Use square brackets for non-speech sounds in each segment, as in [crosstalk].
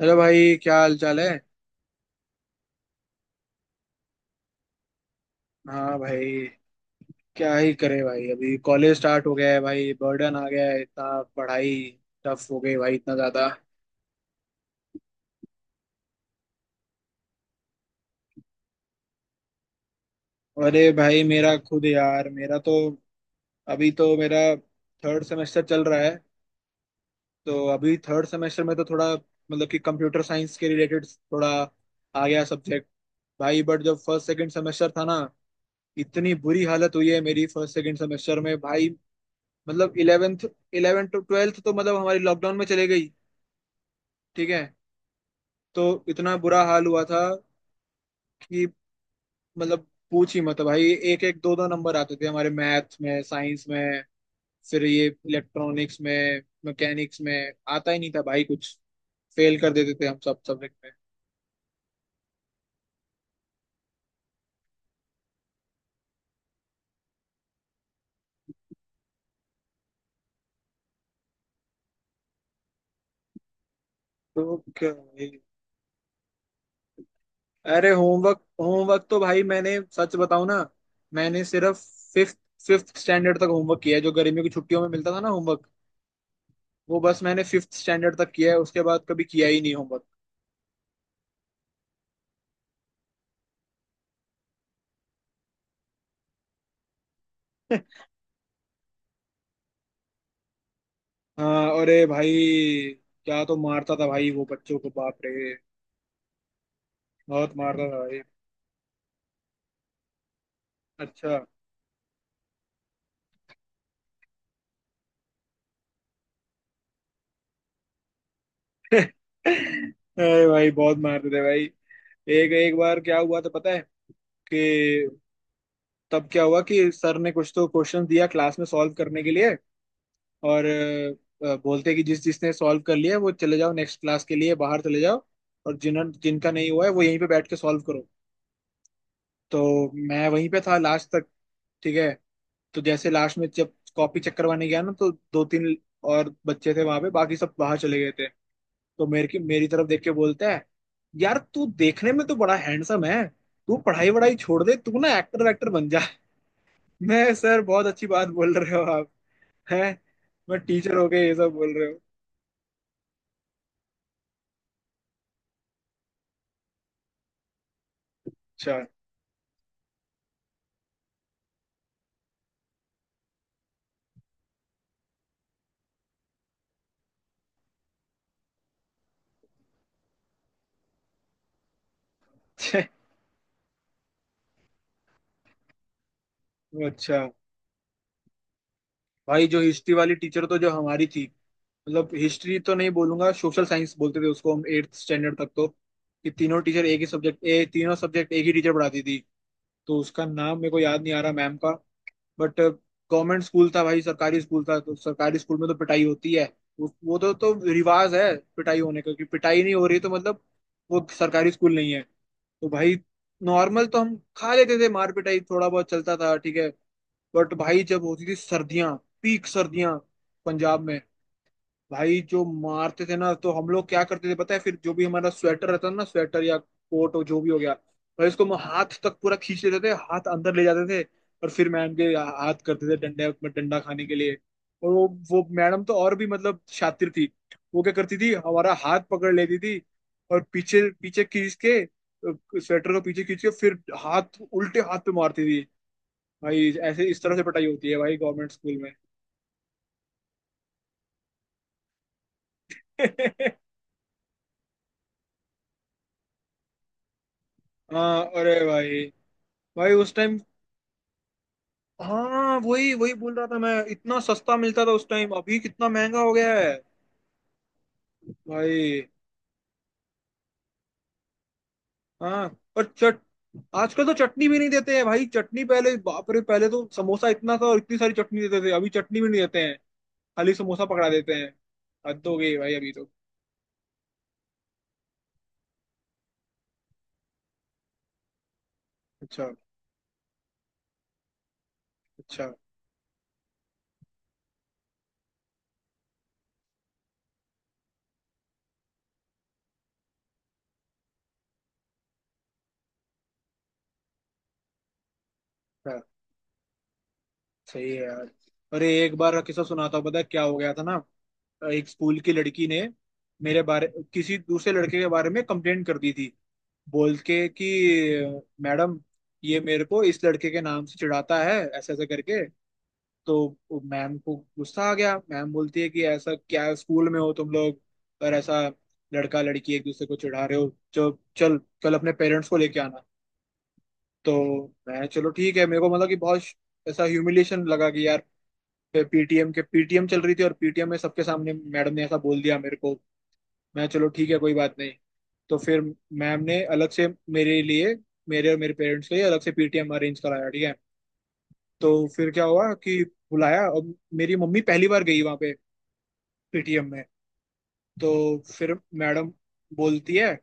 अरे भाई, क्या हाल चाल है। हाँ भाई, क्या ही करे भाई, अभी कॉलेज स्टार्ट हो गया है भाई, बर्डन आ गया है इतना, पढ़ाई टफ हो गई भाई इतना ज्यादा। अरे भाई मेरा खुद यार, मेरा तो अभी तो मेरा थर्ड सेमेस्टर चल रहा है। तो अभी थर्ड सेमेस्टर में तो थोड़ा मतलब कि कंप्यूटर साइंस के रिलेटेड थोड़ा आ गया सब्जेक्ट भाई। बट जब फर्स्ट सेकंड सेमेस्टर था ना, इतनी बुरी हालत हुई है मेरी फर्स्ट सेकंड सेमेस्टर में भाई। मतलब इलेवेंथ, इलेवेंथ टू ट्वेल्थ तो मतलब हमारी लॉकडाउन में चले गई। ठीक है। तो इतना बुरा हाल हुआ था कि मतलब पूछ ही मत भाई। एक एक दो दो नंबर आते थे हमारे मैथ में, साइंस में। फिर ये इलेक्ट्रॉनिक्स में, मैकेनिक्स में आता ही नहीं था भाई कुछ। फेल कर देते थे हम सब सब्जेक्ट में। तो क्या भाई। अरे होमवर्क, होमवर्क तो भाई मैंने सच बताऊं ना, मैंने सिर्फ फिफ्थ फिफ्थ स्टैंडर्ड तक होमवर्क किया है जो गर्मी की छुट्टियों में मिलता था ना होमवर्क। वो बस मैंने फिफ्थ स्टैंडर्ड तक किया है, उसके बाद कभी किया ही नहीं होमवर्क। हाँ अरे भाई, क्या तो मारता था भाई वो बच्चों को, बाप रे, बहुत मारता था भाई। अच्छा। [laughs] अरे भाई, बहुत मारते थे भाई। एक एक बार क्या हुआ था पता है कि, तब क्या हुआ कि सर ने कुछ तो क्वेश्चन दिया क्लास में सॉल्व करने के लिए और बोलते कि जिस जिसने सॉल्व कर लिया है, वो चले जाओ, नेक्स्ट क्लास के लिए बाहर चले जाओ। और जिन जिनका नहीं हुआ है वो यहीं पे बैठ के सॉल्व करो। तो मैं वहीं पे था लास्ट तक। ठीक है। तो जैसे लास्ट में जब कॉपी चेक करवाने गया ना, तो दो तीन और बच्चे थे वहां पे, बाकी सब बाहर चले गए थे। तो मेरे की मेरी तरफ देख के बोलता है, यार तू देखने में तो बड़ा हैंडसम है, तू पढ़ाई वढ़ाई छोड़ दे, तू ना एक्टर वैक्टर बन जा। [laughs] मैं, सर बहुत अच्छी बात बोल रहे हो आप। हैं। मैं, टीचर हो गए ये सब बोल रहे हो। अच्छा। [laughs] अच्छा। अच्छा। भाई जो हिस्ट्री वाली टीचर तो जो हमारी थी, मतलब हिस्ट्री तो नहीं बोलूंगा, सोशल साइंस बोलते थे उसको हम एट्थ स्टैंडर्ड तक। तो कि तीनों टीचर एक ही सब्जेक्ट ए तीनों सब्जेक्ट एक ही टीचर पढ़ाती थी। तो उसका नाम मेरे को याद नहीं आ रहा मैम का। बट गवर्नमेंट स्कूल था भाई, सरकारी स्कूल था, तो सरकारी स्कूल में तो पिटाई होती है। वो तो रिवाज है पिटाई होने का, कि पिटाई नहीं हो रही तो मतलब वो सरकारी स्कूल नहीं है तो भाई। नॉर्मल तो हम खा लेते थे, मार पिटाई थोड़ा बहुत चलता था, ठीक है। बट भाई जब होती थी सर्दियां, पीक सर्दियां, पंजाब में, भाई जो मारते थे ना, तो हम लोग क्या करते थे पता है, फिर जो भी हमारा स्वेटर रहता था ना, स्वेटर या कोट, हो जो भी हो गया, भाई उसको हम हाथ तक पूरा खींच लेते थे, हाथ अंदर ले जाते थे। और फिर मैम के हाथ करते थे डंडे में, डंडा खाने के लिए। और वो मैडम तो और भी मतलब शातिर थी। वो क्या करती थी, हमारा हाथ पकड़ लेती थी, और पीछे पीछे खींच के, स्वेटर को पीछे खींच के, फिर हाथ, उल्टे हाथ पे मारती थी। भाई ऐसे इस तरह से पिटाई होती है भाई गवर्नमेंट स्कूल में। [laughs] हाँ अरे भाई भाई उस टाइम। हाँ वही वही बोल रहा था मैं, इतना सस्ता मिलता था उस टाइम, अभी कितना महंगा हो गया है। भाई। हाँ। और चट आजकल तो चटनी भी नहीं देते हैं भाई चटनी, पहले, बाप रे, पहले तो समोसा इतना था और इतनी सारी चटनी देते थे, अभी चटनी भी नहीं देते हैं। खाली समोसा पकड़ा देते हैं। हद हो गई भाई अभी तो। अच्छा। अच्छा। अच्छा। सही है यार। अरे एक बार का किस्सा सुनाता हूँ, पता है क्या हो गया था ना। एक स्कूल की लड़की ने मेरे बारे किसी दूसरे लड़के के बारे में कंप्लेंट कर दी थी, बोल के कि, मैडम ये मेरे को इस लड़के के नाम से चिढ़ाता है, ऐसे ऐसे करके। तो वो, मैम को गुस्सा आ गया, मैम बोलती है कि ऐसा क्या स्कूल में हो तुम लोग, और ऐसा लड़का लड़की एक दूसरे को चिढ़ा रहे हो जो, चल कल अपने पेरेंट्स को लेके आना। तो मैं, चलो ठीक है, मेरे को मतलब कि बहुत ऐसा ह्यूमिलिएशन लगा कि यार, पीटीएम के पीटीएम चल रही थी और पीटीएम में सबके सामने मैडम ने ऐसा बोल दिया मेरे को। मैं, चलो ठीक है कोई बात नहीं। तो फिर मैम ने अलग से, मेरे लिए, मेरे और मेरे पेरेंट्स के लिए अलग से पीटीएम अरेंज कराया, ठीक है। तो फिर क्या हुआ कि बुलाया, और मेरी मम्मी पहली बार गई वहां पे, पीटीएम में। तो फिर मैडम बोलती है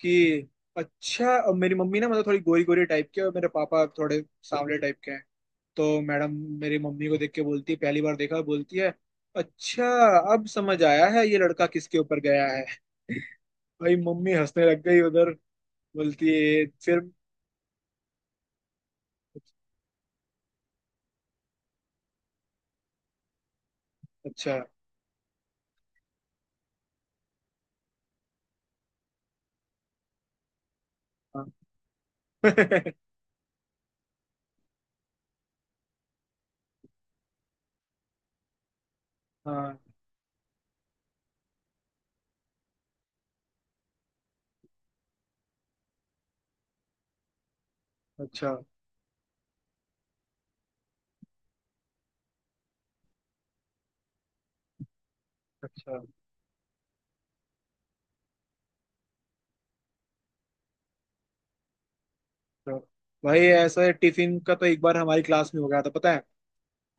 कि, अच्छा अब, मेरी मम्मी ना मतलब थोड़ी गोरी गोरी टाइप के और मेरे पापा थोड़े सांवले टाइप के हैं। तो मैडम मेरी मम्मी को देख के बोलती है, पहली बार देखा, बोलती है, अच्छा अब समझ आया है ये लड़का किसके ऊपर गया है। [laughs] भाई मम्मी हंसने लग गई उधर। बोलती है फिर। अच्छा। हाँ। [laughs] हाँ। अच्छा। अच्छा। तो भाई ऐसा है, टिफिन का तो एक बार हमारी क्लास में हो गया था, पता है।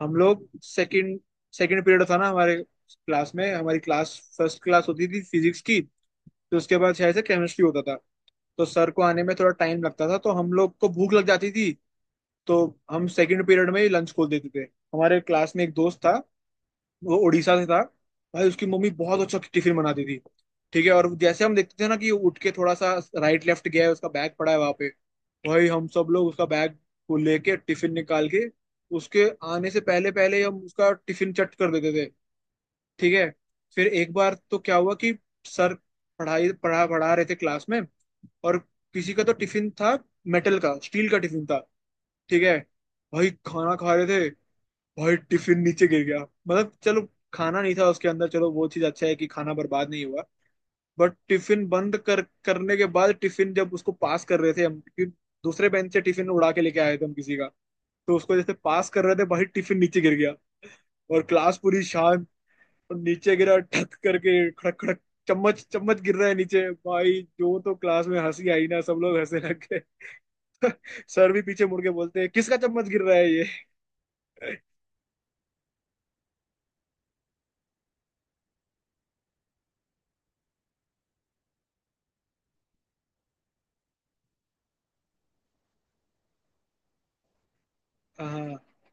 हम लोग सेकंड सेकंड पीरियड था ना हमारे क्लास में, हमारी क्लास फर्स्ट क्लास होती थी फिजिक्स की। तो उसके बाद शायद से केमिस्ट्री होता था। तो सर को आने में थोड़ा टाइम लगता था, तो हम लोग को भूख लग जाती थी। तो हम सेकंड पीरियड में ही लंच खोल देते थे। हमारे क्लास में एक दोस्त था, वो उड़ीसा से था। भाई उसकी मम्मी बहुत अच्छा टिफिन बनाती थी, ठीक है। और जैसे हम देखते थे ना कि उठ के थोड़ा सा राइट लेफ्ट गया है, उसका बैग पड़ा है वहां पे, भाई हम सब लोग उसका बैग को लेके, टिफिन निकाल के, उसके आने से पहले पहले हम उसका टिफिन चट कर देते थे, ठीक है। फिर एक बार तो क्या हुआ कि, सर पढ़ा रहे थे क्लास में, और किसी का तो टिफिन था, मेटल का, स्टील का टिफिन था, ठीक है। भाई खाना खा रहे थे, भाई टिफिन नीचे गिर गया। मतलब चलो, खाना नहीं था उसके अंदर, चलो वो चीज अच्छा है कि खाना बर्बाद नहीं हुआ। बट टिफिन बंद कर करने के बाद, टिफिन जब उसको पास कर रहे थे हम, क्योंकि दूसरे बेंच से टिफिन उड़ा के लेके आए थे हम किसी का, तो उसको जैसे पास कर रहे थे भाई टिफिन नीचे गिर गया। और क्लास पूरी शांत, और नीचे गिरा ठक करके, खड़क खड़क, चम्मच चम्मच गिर रहा है नीचे, भाई जो तो क्लास में हंसी आई ना, सब लोग हंसने लग गए। [laughs] सर भी पीछे मुड़ के बोलते हैं, किसका चम्मच गिर रहा है ये। [laughs]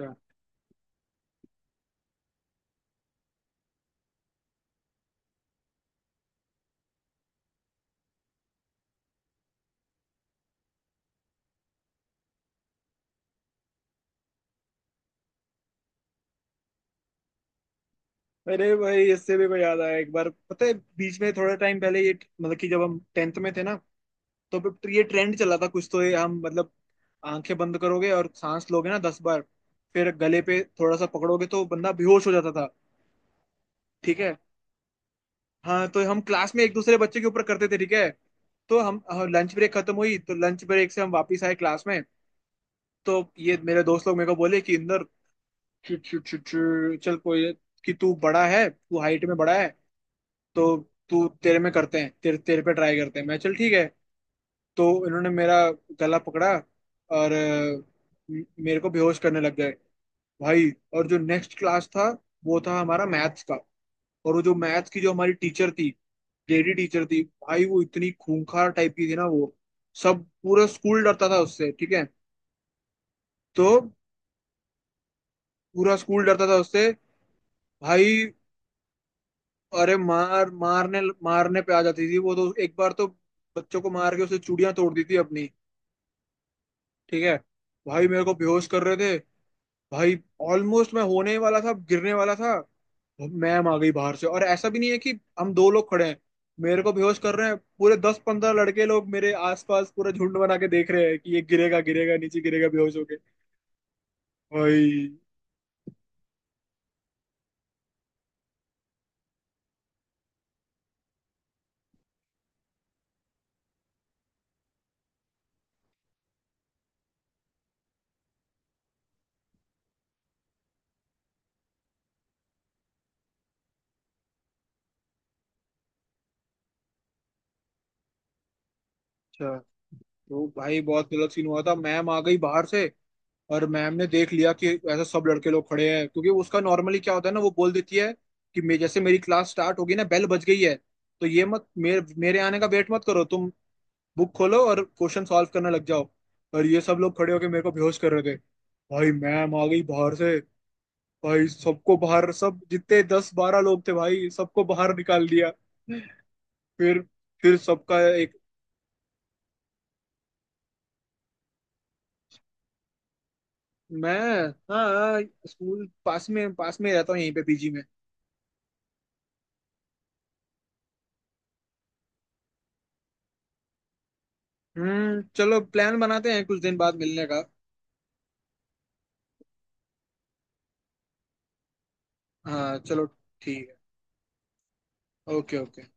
हाँ अरे भाई, इससे भी कोई याद आया एक बार, पता है। बीच में थोड़ा टाइम पहले ये, मतलब कि जब हम टेंथ में थे ना, तो फिर तो ये ट्रेंड चला था कुछ तो, ये हम मतलब आंखें बंद करोगे और सांस लोगे ना दस बार, फिर गले पे थोड़ा सा पकड़ोगे तो बंदा बेहोश हो जाता था। ठीक है। हाँ, तो हम क्लास में एक दूसरे बच्चे के ऊपर करते थे, ठीक है। तो हम, लंच ब्रेक खत्म हुई तो लंच ब्रेक से हम वापस आए क्लास में। तो ये मेरे दोस्त लोग मेरे को बोले कि, इंदर, चुट चुट चुट चुट, चल कोई, कि तू बड़ा है, तू हाइट में बड़ा है। तो तू तेरे में करते हैं तेरे तेरे पे ट्राई करते हैं। मैं, चल ठीक है। तो इन्होंने मेरा गला पकड़ा और मेरे को बेहोश करने लग गए भाई। और जो नेक्स्ट क्लास था वो था हमारा मैथ्स का। और वो जो मैथ्स की जो हमारी टीचर थी, लेडी टीचर थी, भाई वो इतनी खूंखार टाइप की थी ना वो, सब, पूरा स्कूल डरता था उससे, ठीक है। तो पूरा स्कूल डरता था उससे। भाई अरे, मार, मारने मारने पे आ जाती थी वो तो, एक बार तो बच्चों को मार के उसने चूड़ियां तोड़ दी थी अपनी, ठीक है। भाई मेरे को बेहोश कर रहे थे भाई, ऑलमोस्ट मैं होने ही वाला था, गिरने वाला था, मैम आ गई बाहर से। और ऐसा भी नहीं है कि हम दो लोग खड़े हैं मेरे को बेहोश कर रहे हैं, पूरे दस पंद्रह लड़के लोग मेरे आसपास पूरा झुंड बना के देख रहे हैं कि ये गिरेगा, गिरेगा, नीचे गिरेगा बेहोश होके। भाई। अच्छा। तो भाई बहुत गलत सीन हुआ था, मैम आ गई बाहर से, और मैम ने देख लिया कि ऐसे सब लड़के लोग खड़े हैं, क्योंकि उसका नॉर्मली क्या होता है ना, वो बोल देती है कि, मैं जैसे, मेरी क्लास स्टार्ट होगी ना, बेल बज गई है, तो ये मत मेरे मेरे आने का वेट मत करो तुम, बुक खोलो और क्वेश्चन सॉल्व करने लग जाओ। और ये सब लोग खड़े होके मेरे को बेहोश कर रहे थे। भाई मैम आ गई बाहर से। भाई सबको बाहर, सब जितने दस बारह लोग थे भाई, सबको बाहर निकाल दिया। फिर फिर सबका एक। मैं। हाँ। स्कूल पास में रहता हूँ यहीं पे पीजी में। हम्म, चलो प्लान बनाते हैं कुछ दिन बाद मिलने का। हाँ चलो। ठीक है। Okay okay.